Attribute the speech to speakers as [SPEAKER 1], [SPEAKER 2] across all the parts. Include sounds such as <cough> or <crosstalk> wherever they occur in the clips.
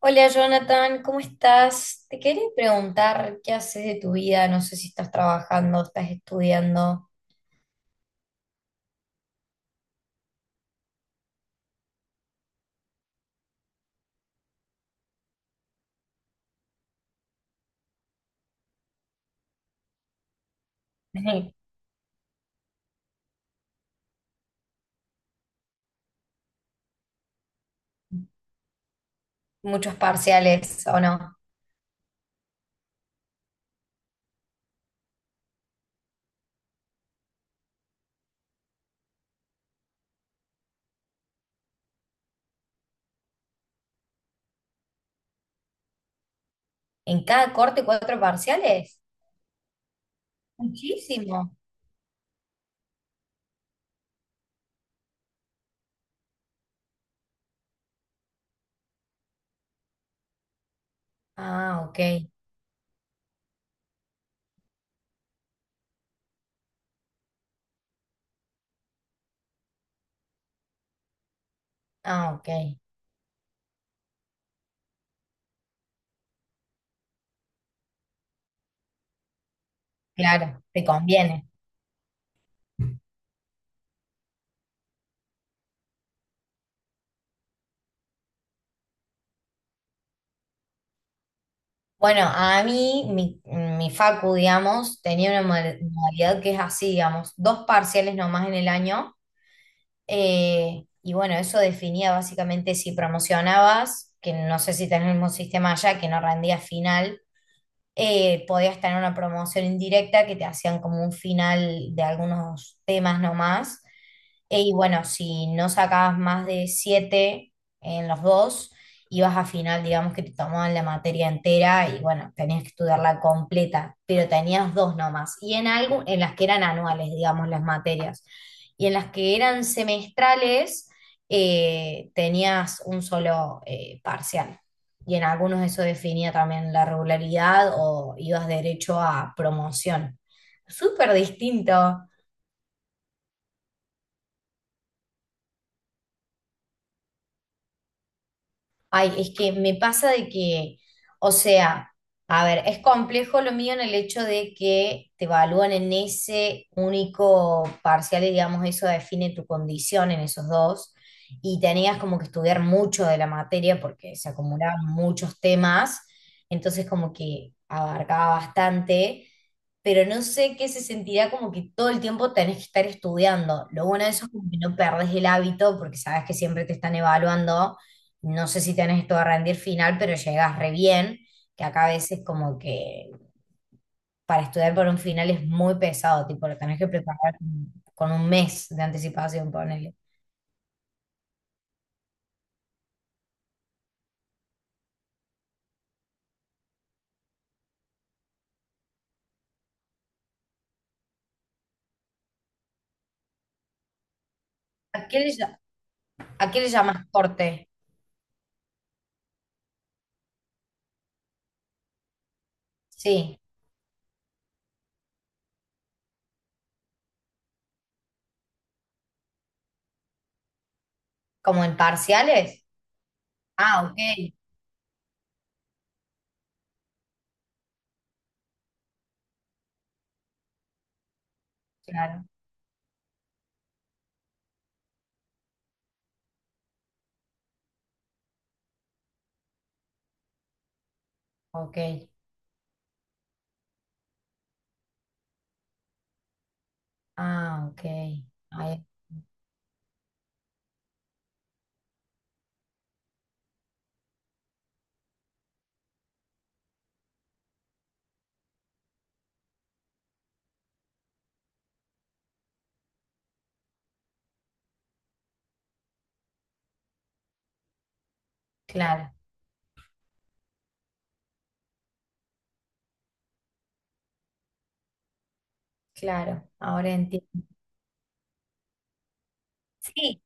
[SPEAKER 1] Hola Jonathan, ¿cómo estás? Te quería preguntar qué haces de tu vida, no sé si estás trabajando, estás estudiando, <laughs> ¿muchos parciales o no? ¿En cada corte cuatro parciales? Muchísimo. Ah, ok, ah, ok, claro, te conviene. Bueno, mi facu, digamos, tenía una modalidad que es así, digamos, dos parciales nomás en el año. Y bueno, eso definía básicamente si promocionabas, que no sé si tenés el mismo sistema allá, que no rendías final, podías tener una promoción indirecta que te hacían como un final de algunos temas nomás. Y bueno, si no sacabas más de 7 en los dos, ibas a final, digamos que te tomaban la materia entera y bueno, tenías que estudiarla completa, pero tenías dos nomás. Y en algo, en las que eran anuales, digamos, las materias. Y en las que eran semestrales, tenías un solo parcial. Y en algunos eso definía también la regularidad o ibas derecho a promoción. Súper distinto. Ay, es que me pasa de que, o sea, a ver, es complejo lo mío en el hecho de que te evalúan en ese único parcial y digamos eso define tu condición en esos dos y tenías como que estudiar mucho de la materia porque se acumulaban muchos temas, entonces como que abarcaba bastante, pero no sé qué se sentirá como que todo el tiempo tenés que estar estudiando. Lo bueno de eso es como que no perdés el hábito porque sabes que siempre te están evaluando, no sé si tenés todo a rendir final, pero llegás re bien, que acá a veces como que para estudiar por un final es muy pesado, tipo, lo tenés que preparar con un mes de anticipación, ponele. ¿A qué le, a qué le llamas corte? Sí, como en parciales. Ah, ok, claro, ok. Ah, ok. Ahí- claro, claro, ahora entiendo. Sí,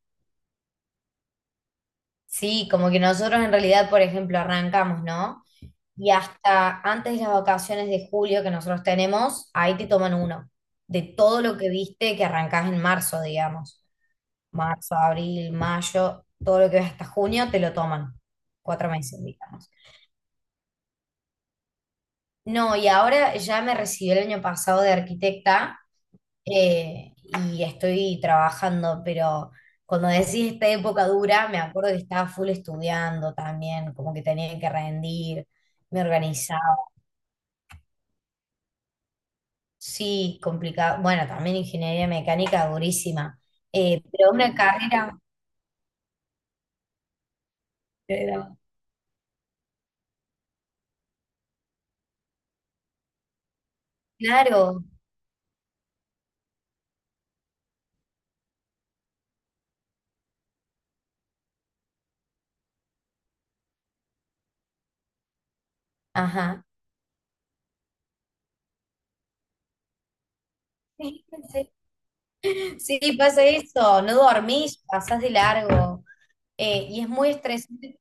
[SPEAKER 1] sí, como que nosotros en realidad, por ejemplo, arrancamos, ¿no? Y hasta antes de las vacaciones de julio que nosotros tenemos, ahí te toman uno, de todo lo que viste que arrancás en marzo, digamos. Marzo, abril, mayo, todo lo que ves hasta junio, te lo toman. Cuatro meses, digamos. No, y ahora ya me recibí el año pasado de arquitecta, eh, y estoy trabajando, pero cuando decís esta época dura, me acuerdo que estaba full estudiando también, como que tenía que rendir, me organizaba. Sí, complicado. Bueno, también ingeniería mecánica durísima, pero una carrera, pero- claro, ajá. <laughs> Sí, pasa eso, no dormís, pasás de largo. Y es muy estresante.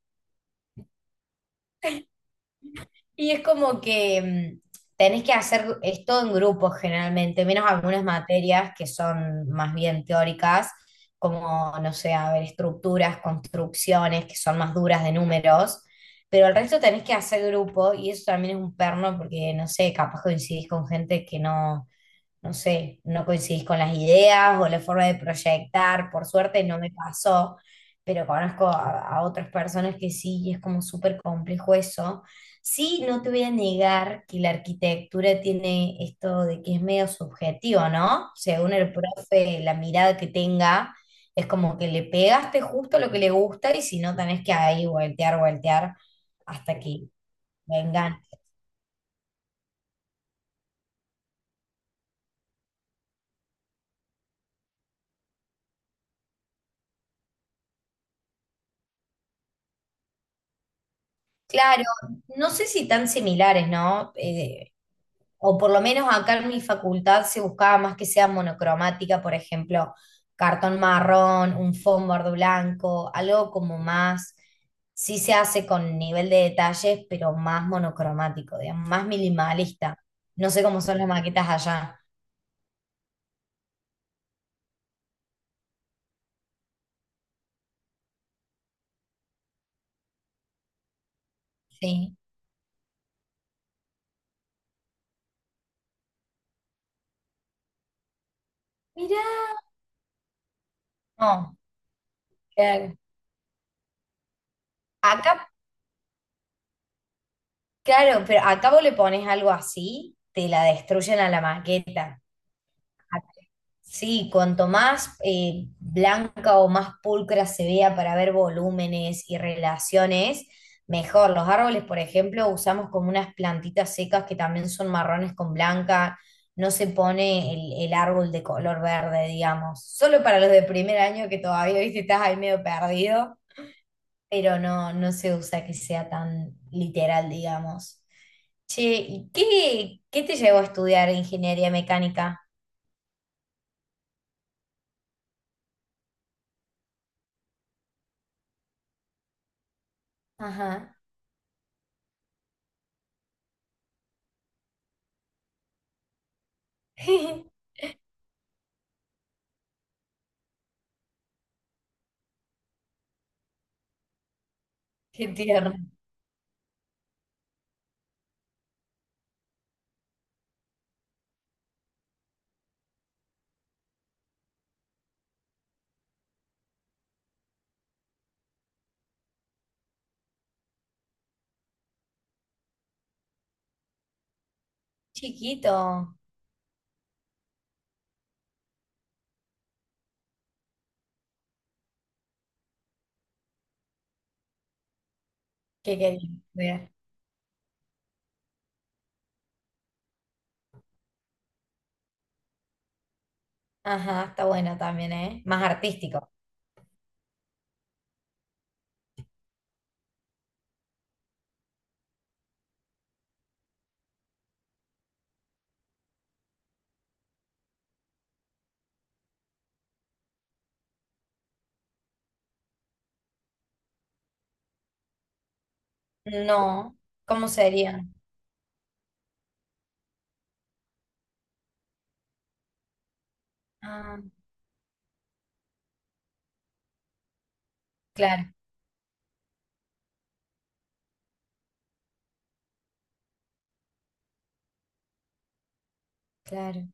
[SPEAKER 1] Y es como que tenés que hacer esto en grupos generalmente, menos algunas materias que son más bien teóricas, como, no sé, a ver, estructuras, construcciones, que son más duras de números, pero el resto tenés que hacer grupo y eso también es un perno porque, no sé, capaz coincidís con gente que no, no sé, no coincidís con las ideas o la forma de proyectar, por suerte no me pasó, pero conozco a otras personas que sí y es como súper complejo eso. Sí, no te voy a negar que la arquitectura tiene esto de que es medio subjetivo, ¿no? Según el profe, la mirada que tenga, es como que le pegaste justo lo que le gusta y si no, tenés que ahí voltear, voltear hasta que vengan. Claro, no sé si tan similares, ¿no? O por lo menos acá en mi facultad se buscaba más que sea monocromática, por ejemplo, cartón marrón, un fondo blanco, algo como más, sí se hace con nivel de detalles, pero más monocromático, digamos, más minimalista. No sé cómo son las maquetas allá. Sí. Mirá. No, claro. Acá, claro, pero acá vos le pones algo así, te la destruyen a la maqueta. Sí, cuanto más blanca o más pulcra se vea para ver volúmenes y relaciones, mejor. Los árboles, por ejemplo, usamos como unas plantitas secas que también son marrones con blanca. No se pone el árbol de color verde, digamos. Solo para los de primer año que todavía, viste, estás ahí medio perdido, pero no, no se usa que sea tan literal, digamos. Che, ¿y qué, qué te llevó a estudiar ingeniería mecánica? Ajá. <laughs> Qué tierno. Chiquito. ¿Qué quería estudiar? Ajá, está bueno también, ¿eh? Más artístico. No. ¿Cómo sería? Ah, claro, claro.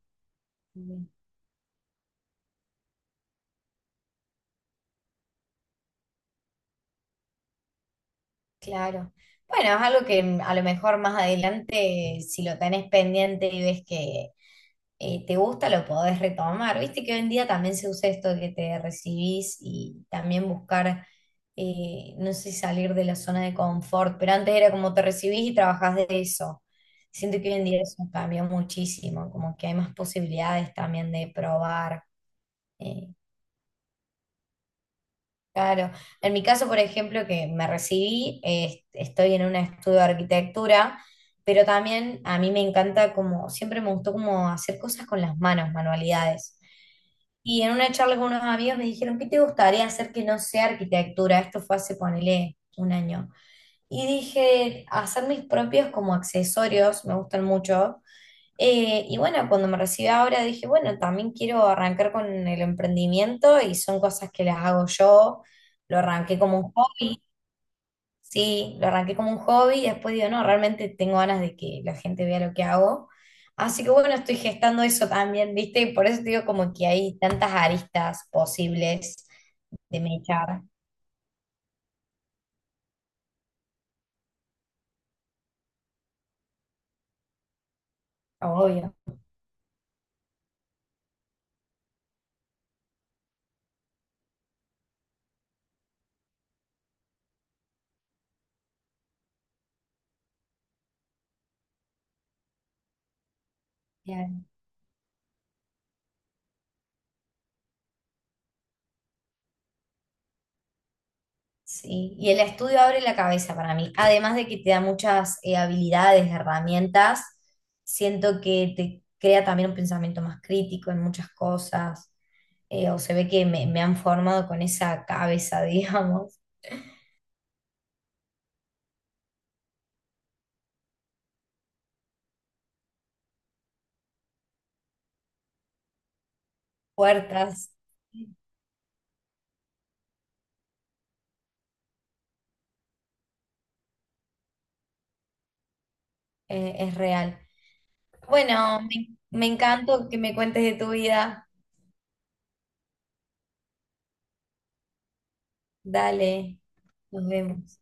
[SPEAKER 1] Claro. Bueno, es algo que a lo mejor más adelante, si lo tenés pendiente y ves que te gusta, lo podés retomar. Viste que hoy en día también se usa esto de que te recibís y también buscar, no sé, salir de la zona de confort, pero antes era como te recibís y trabajás de eso. Siento que hoy en día eso cambió muchísimo, como que hay más posibilidades también de probar. eh, Claro, en mi caso, por ejemplo, que me recibí, estoy en un estudio de arquitectura, pero también a mí me encanta como, siempre me gustó como hacer cosas con las manos, manualidades. Y en una charla con unos amigos me dijeron, ¿qué te gustaría hacer que no sea arquitectura? Esto fue hace, ponele, un año. Y dije, hacer mis propios como accesorios, me gustan mucho, y bueno, cuando me recibí ahora dije, bueno, también quiero arrancar con el emprendimiento y son cosas que las hago yo. Lo arranqué como un hobby, sí, lo arranqué como un hobby y después digo, no, realmente tengo ganas de que la gente vea lo que hago. Así que bueno, estoy gestando eso también, ¿viste? Y por eso te digo como que hay tantas aristas posibles de mechar, obvio. Sí, y el estudio abre la cabeza para mí. Además de que te da muchas habilidades, herramientas, siento que te crea también un pensamiento más crítico en muchas cosas. O se ve que me han formado con esa cabeza, <laughs> digamos. Puertas, es real. Bueno, me encantó que me cuentes de tu vida. Dale, nos vemos.